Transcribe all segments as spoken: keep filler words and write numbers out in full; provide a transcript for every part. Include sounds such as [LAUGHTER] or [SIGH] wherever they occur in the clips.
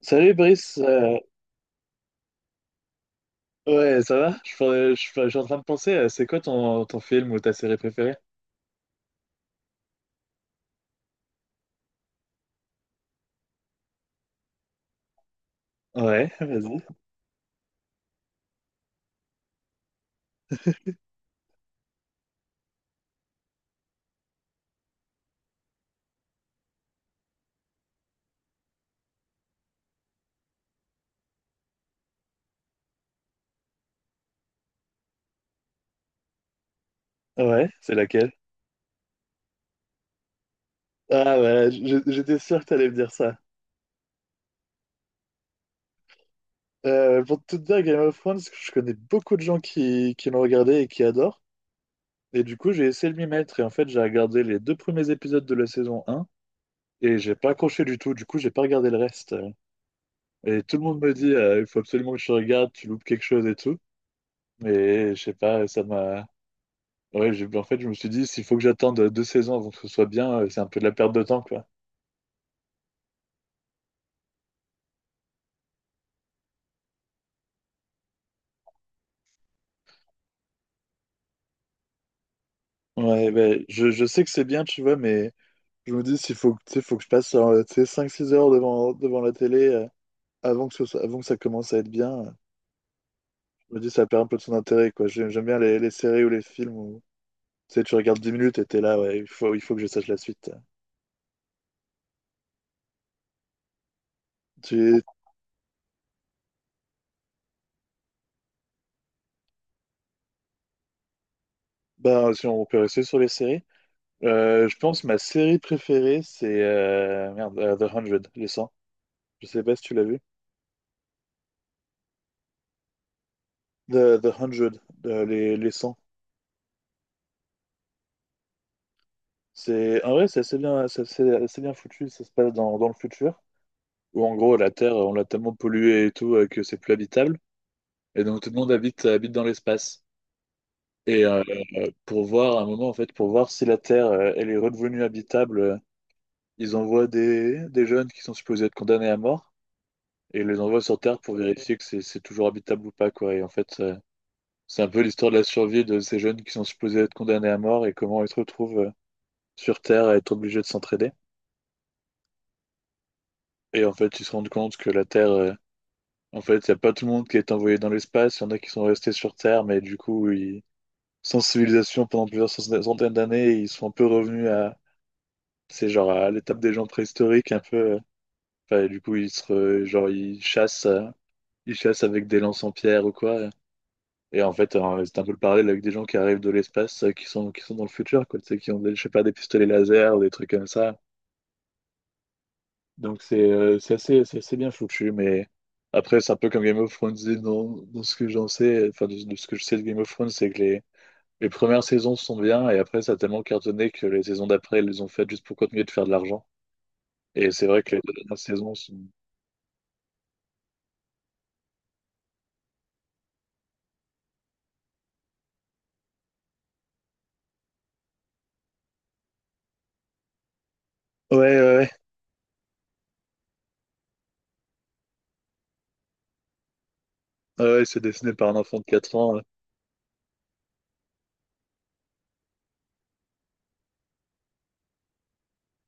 Salut Brice, euh, ouais ça va? Je, pourrais- je, je suis en train de penser, euh, c'est quoi ton, ton film ou ta série préférée? Ouais, vas-y. Ouais, c'est laquelle? Ah, ouais. Je- j'étais sûr que t'allais me dire ça. Euh, pour tout te dire, Game of Thrones, je connais beaucoup de gens qui, qui l'ont regardé et qui adorent. Et du coup, j'ai essayé de m'y mettre et en fait, j'ai regardé les deux premiers épisodes de la saison un et j'ai pas accroché du tout. Du coup, j'ai pas regardé le reste. Et tout le monde me dit, euh, il faut absolument que tu regardes, tu loupes quelque chose et tout. Mais je sais pas, ça m'a... Ouais, j'ai- en fait, je me suis dit, s'il faut que j'attende deux saisons avant que ce soit bien, euh, c'est un peu de la perte de temps, quoi. Ouais, ben, je, je sais que c'est bien, tu vois, mais je me dis, s'il faut, que- tu sais, faut que je passe euh, tu sais, cinq six heures devant, devant la télé, euh, avant que ce soit- avant que ça commence à être bien, euh, je me dis, ça perd un peu de son intérêt, quoi. J'ai- J'aime bien les, les séries ou les films où, tu sais, tu regardes dix minutes et t'es là, ouais, il faut, il faut que je sache la suite. Tu, Bah, si on peut rester sur les séries, euh, je pense que ma série préférée, c'est, euh, merde, euh, The cent, les cent. Je sais pas si tu l'as vu. The, The cent, euh, les, les cent. C'est, en vrai, c'est assez bien, c'est assez- assez bien foutu. Ça se passe dans, dans le futur, où en gros, la Terre, on l'a tellement polluée et tout, euh, que c'est plus habitable. Et donc, tout le monde habite, habite dans l'espace. Et euh, pour voir, à un moment, en fait, pour voir si la Terre, euh, elle est redevenue habitable, euh, ils envoient des, des jeunes qui sont supposés être condamnés à mort et ils les envoient sur Terre pour vérifier que c'est, c'est toujours habitable ou pas, quoi. Et en fait, euh, c'est un peu l'histoire de la survie de ces jeunes qui sont supposés être condamnés à mort et comment ils se retrouvent. euh, sur Terre à être obligé de s'entraider. Et en fait, ils se rendent compte que la Terre, euh, en fait, il n'y a pas tout le monde qui est envoyé dans l'espace, il y en a qui sont restés sur Terre, mais du coup, ils... sans civilisation pendant plusieurs centaines d'années, ils sont un peu revenus à, c'est genre à l'étape des gens préhistoriques, un peu. euh. Enfin, et du coup, ils se, re- genre, ils chassent, euh, ils chassent avec des lances en pierre ou quoi. Et en fait, euh, c'est un peu le parallèle avec des gens qui arrivent de l'espace, euh, qui sont, qui sont dans le futur, quoi, tu sais, qui ont, des, je sais pas, des pistolets laser, des trucs comme ça. Donc c'est euh, c'est assez, c'est assez bien foutu, mais après c'est un peu comme Game of Thrones et dans, dans ce que j'en sais, enfin de, de ce que je sais de Game of Thrones, c'est que les, les premières saisons sont bien et après ça a tellement cartonné que les saisons d'après ils les ont faites juste pour continuer de faire de l'argent. Et c'est vrai que les deux dernières saisons sont... Ouais, ouais, ouais. Ouais, ouais, c'est dessiné par un enfant de quatre ans. Ouais.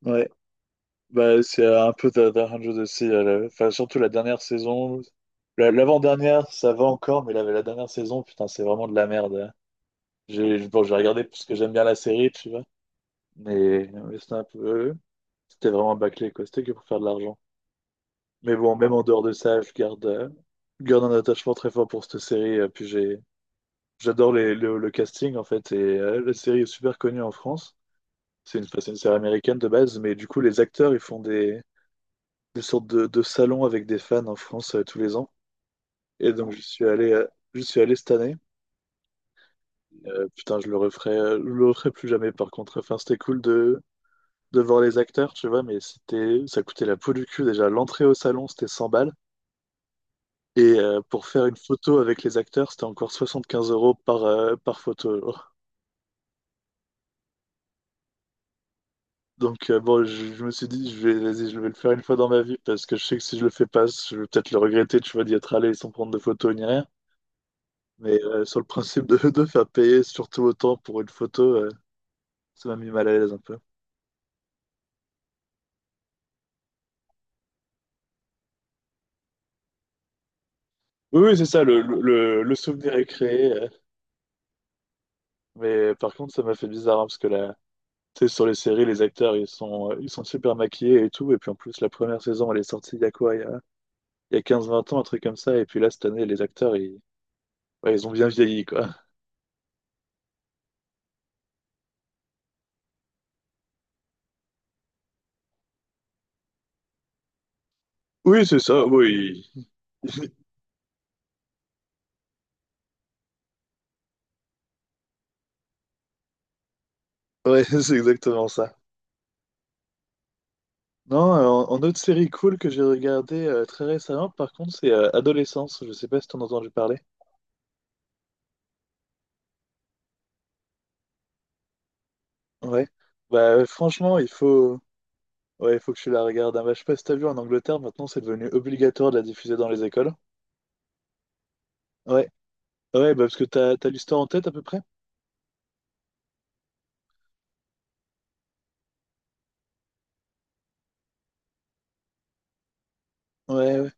Ouais. Bah, c'est un peu Da- Da Hundred aussi. euh, la- Enfin, surtout la dernière saison. La- L'avant-dernière, ça va encore, mais la, la dernière saison, putain, c'est vraiment de la merde, hein. J'ai, bon, j'ai regardé parce que j'aime bien la série, Mais, mais c'était un peu... C'était vraiment bâclé, quoi. C'était que pour faire de l'argent. Mais bon, même en dehors de ça, je garde, euh, je garde un attachement très fort pour cette série. euh, Puis j'ai, j'adore les- le, le casting, en fait. Et euh, la série est super connue en France. C'est une, enfin, c'est une série américaine de base. Mais du coup, les acteurs, ils font des, des sortes de, de salons avec des fans en France, euh, tous les ans. Et donc, je suis allé, euh, je suis allé cette année. Euh, putain, je le referai, euh, je le referai plus jamais, par contre. Enfin, c'était cool de... devant les acteurs, tu vois, mais c'était, ça coûtait la peau du cul déjà. L'entrée au salon, c'était cent balles. Et euh, pour faire une photo avec les acteurs, c'était encore soixante-quinze euros par, euh, par photo. Genre. Donc euh, bon, je, je me suis dit, je vais, vas-y, je vais le faire une fois dans ma vie parce que je sais que si je le fais pas, je vais peut-être le regretter, tu vois, d'y être allé sans prendre de photos ni rien. Mais euh, sur le principe de, [LAUGHS] de faire payer surtout autant pour une photo, euh, ça m'a mis mal à l'aise un peu. Oui, oui, c'est ça, le, le, le- le souvenir est créé. euh. Mais par contre, ça m'a fait bizarre, hein, parce que la... Tu sais, sur les séries, les acteurs, ils sont, euh, ils sont super maquillés et tout. Et puis en plus, la première saison, elle est sortie il y a quoi? Il y a, il y a quinze vingt ans, un truc comme ça. Et puis là, cette année, les acteurs, ils, ouais, ils ont bien vieilli, quoi. [LAUGHS] Oui, c'est ça, oui. Ouais, [LAUGHS] c'est exactement ça. Non, euh, en, en autre série cool que j'ai regardée euh, très récemment, par contre, c'est euh, Adolescence. Je sais pas si t'en as entendu parler. Ouais. Bah, euh, franchement, il faut... Ouais, il faut que tu la regardes. Ah, bah, je sais pas si t'as vu, en Angleterre, maintenant, c'est devenu obligatoire de la diffuser dans les écoles. Ouais. Ouais, bah, parce que t'as, t'as l'histoire en tête, à peu près? Ouais.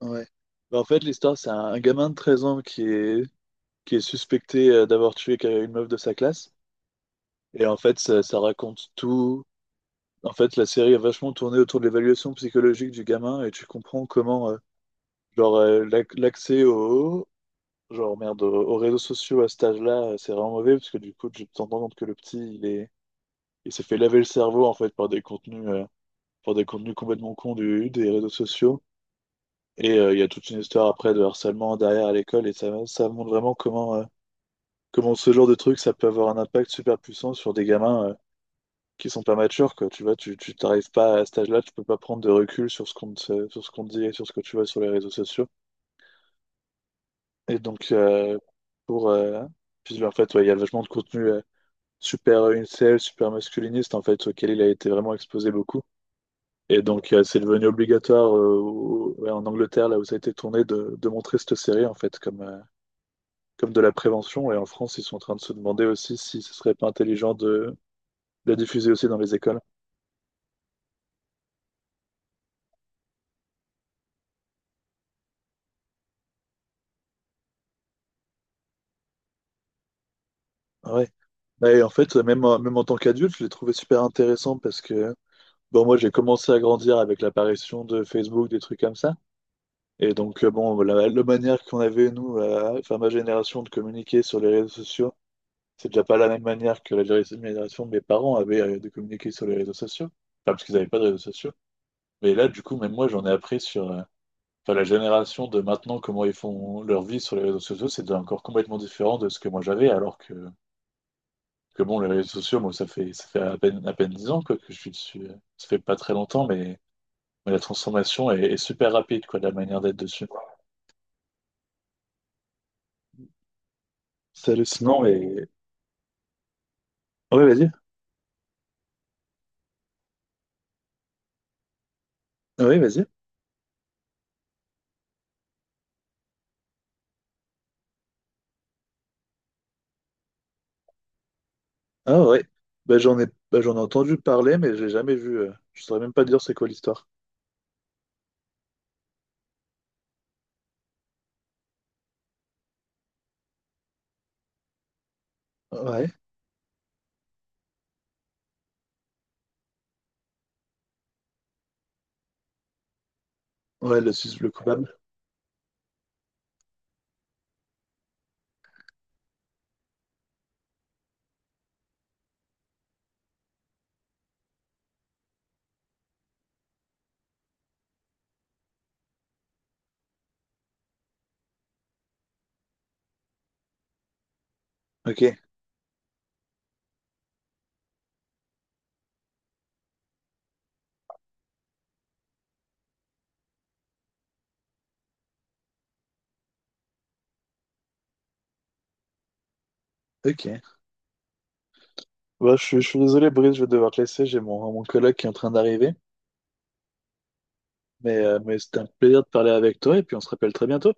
Ouais. Bah, en fait, l'histoire, c'est un, un gamin de treize ans qui est, qui est suspecté, euh, d'avoir tué une meuf de sa classe. Et en fait, ça, ça raconte tout. En fait, la série a vachement tourné autour de l'évaluation psychologique du gamin et tu comprends comment, euh, genre, euh, l'ac- l'accès au, genre, merde, aux, aux réseaux sociaux à cet âge-là, euh, c'est vraiment mauvais parce que du coup, tu te rends compte que le petit, il est, il s'est fait laver le cerveau, en fait, par des contenus, euh, par des contenus complètement cons du, des réseaux sociaux. Et euh, il y a toute une histoire après de harcèlement derrière à l'école, et ça, ça montre vraiment comment, euh, comment ce genre de truc, ça peut avoir un impact super puissant sur des gamins, euh, qui sont pas matures, quoi. Tu vois, tu, tu t'arrives pas à cet âge-là, tu peux pas prendre de recul sur ce qu'on te, sur ce qu'on te dit et sur ce que tu vois sur les réseaux sociaux. Et donc, euh, pour, euh, puis en fait, ouais, il y a vachement de contenu, euh, super, euh, incel, super masculiniste, en fait, auquel il a été vraiment exposé beaucoup. Et donc, euh, c'est devenu obligatoire, euh, au- ouais, en Angleterre, là où ça a été tourné, de, de montrer cette série, en fait, comme, euh, comme de la prévention. Et en France, ils sont en train de se demander aussi si ce serait pas intelligent de la diffuser aussi dans les écoles. Ah, ouais. Et en fait, même, en- même en tant qu'adulte, je l'ai trouvé super intéressant parce que, bon, moi, j'ai commencé à grandir avec l'apparition de Facebook, des trucs comme ça. Et donc, euh, bon, la, la manière qu'on avait, nous, euh, enfin, ma génération, de communiquer sur les réseaux sociaux, c'est déjà pas la même manière que la génération la génération de mes parents avaient, euh, de communiquer sur les réseaux sociaux. Enfin, parce qu'ils n'avaient pas de réseaux sociaux. Mais là, du coup, même moi, j'en ai appris sur, euh, enfin, la génération de maintenant, comment ils font leur vie sur les réseaux sociaux. C'est déjà encore complètement différent de ce que moi j'avais, alors que, que bon, les réseaux sociaux, moi, ça fait, ça fait à peine, à peine dix ans, quoi, que je suis dessus. euh, Ça fait pas très longtemps, mais, mais la transformation est, est super rapide, quoi, de la manière d'être dessus. C'est hallucinant, et... Oui, vas-y. Oui, vas-y. Ah, ouais, bah, j'en ai, bah, j'en ai entendu parler, mais j'ai jamais vu. euh, Je saurais même pas dire c'est quoi l'histoire. Ouais, ouais, le, sus- le coupable. Ok, ok. Bah, je, suis je suis désolé, Brice, je vais devoir te laisser. J'ai mon, mon collègue qui est en train d'arriver. Mais, euh, mais c'était un plaisir de parler avec toi, et puis on se rappelle très bientôt.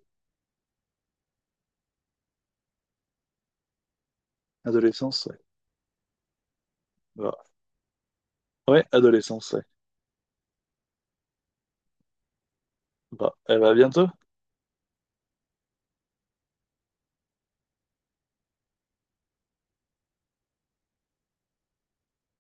Adolescence, ouais. Bah, ouais, adolescence, ouais. Bah, eh bah, à bientôt.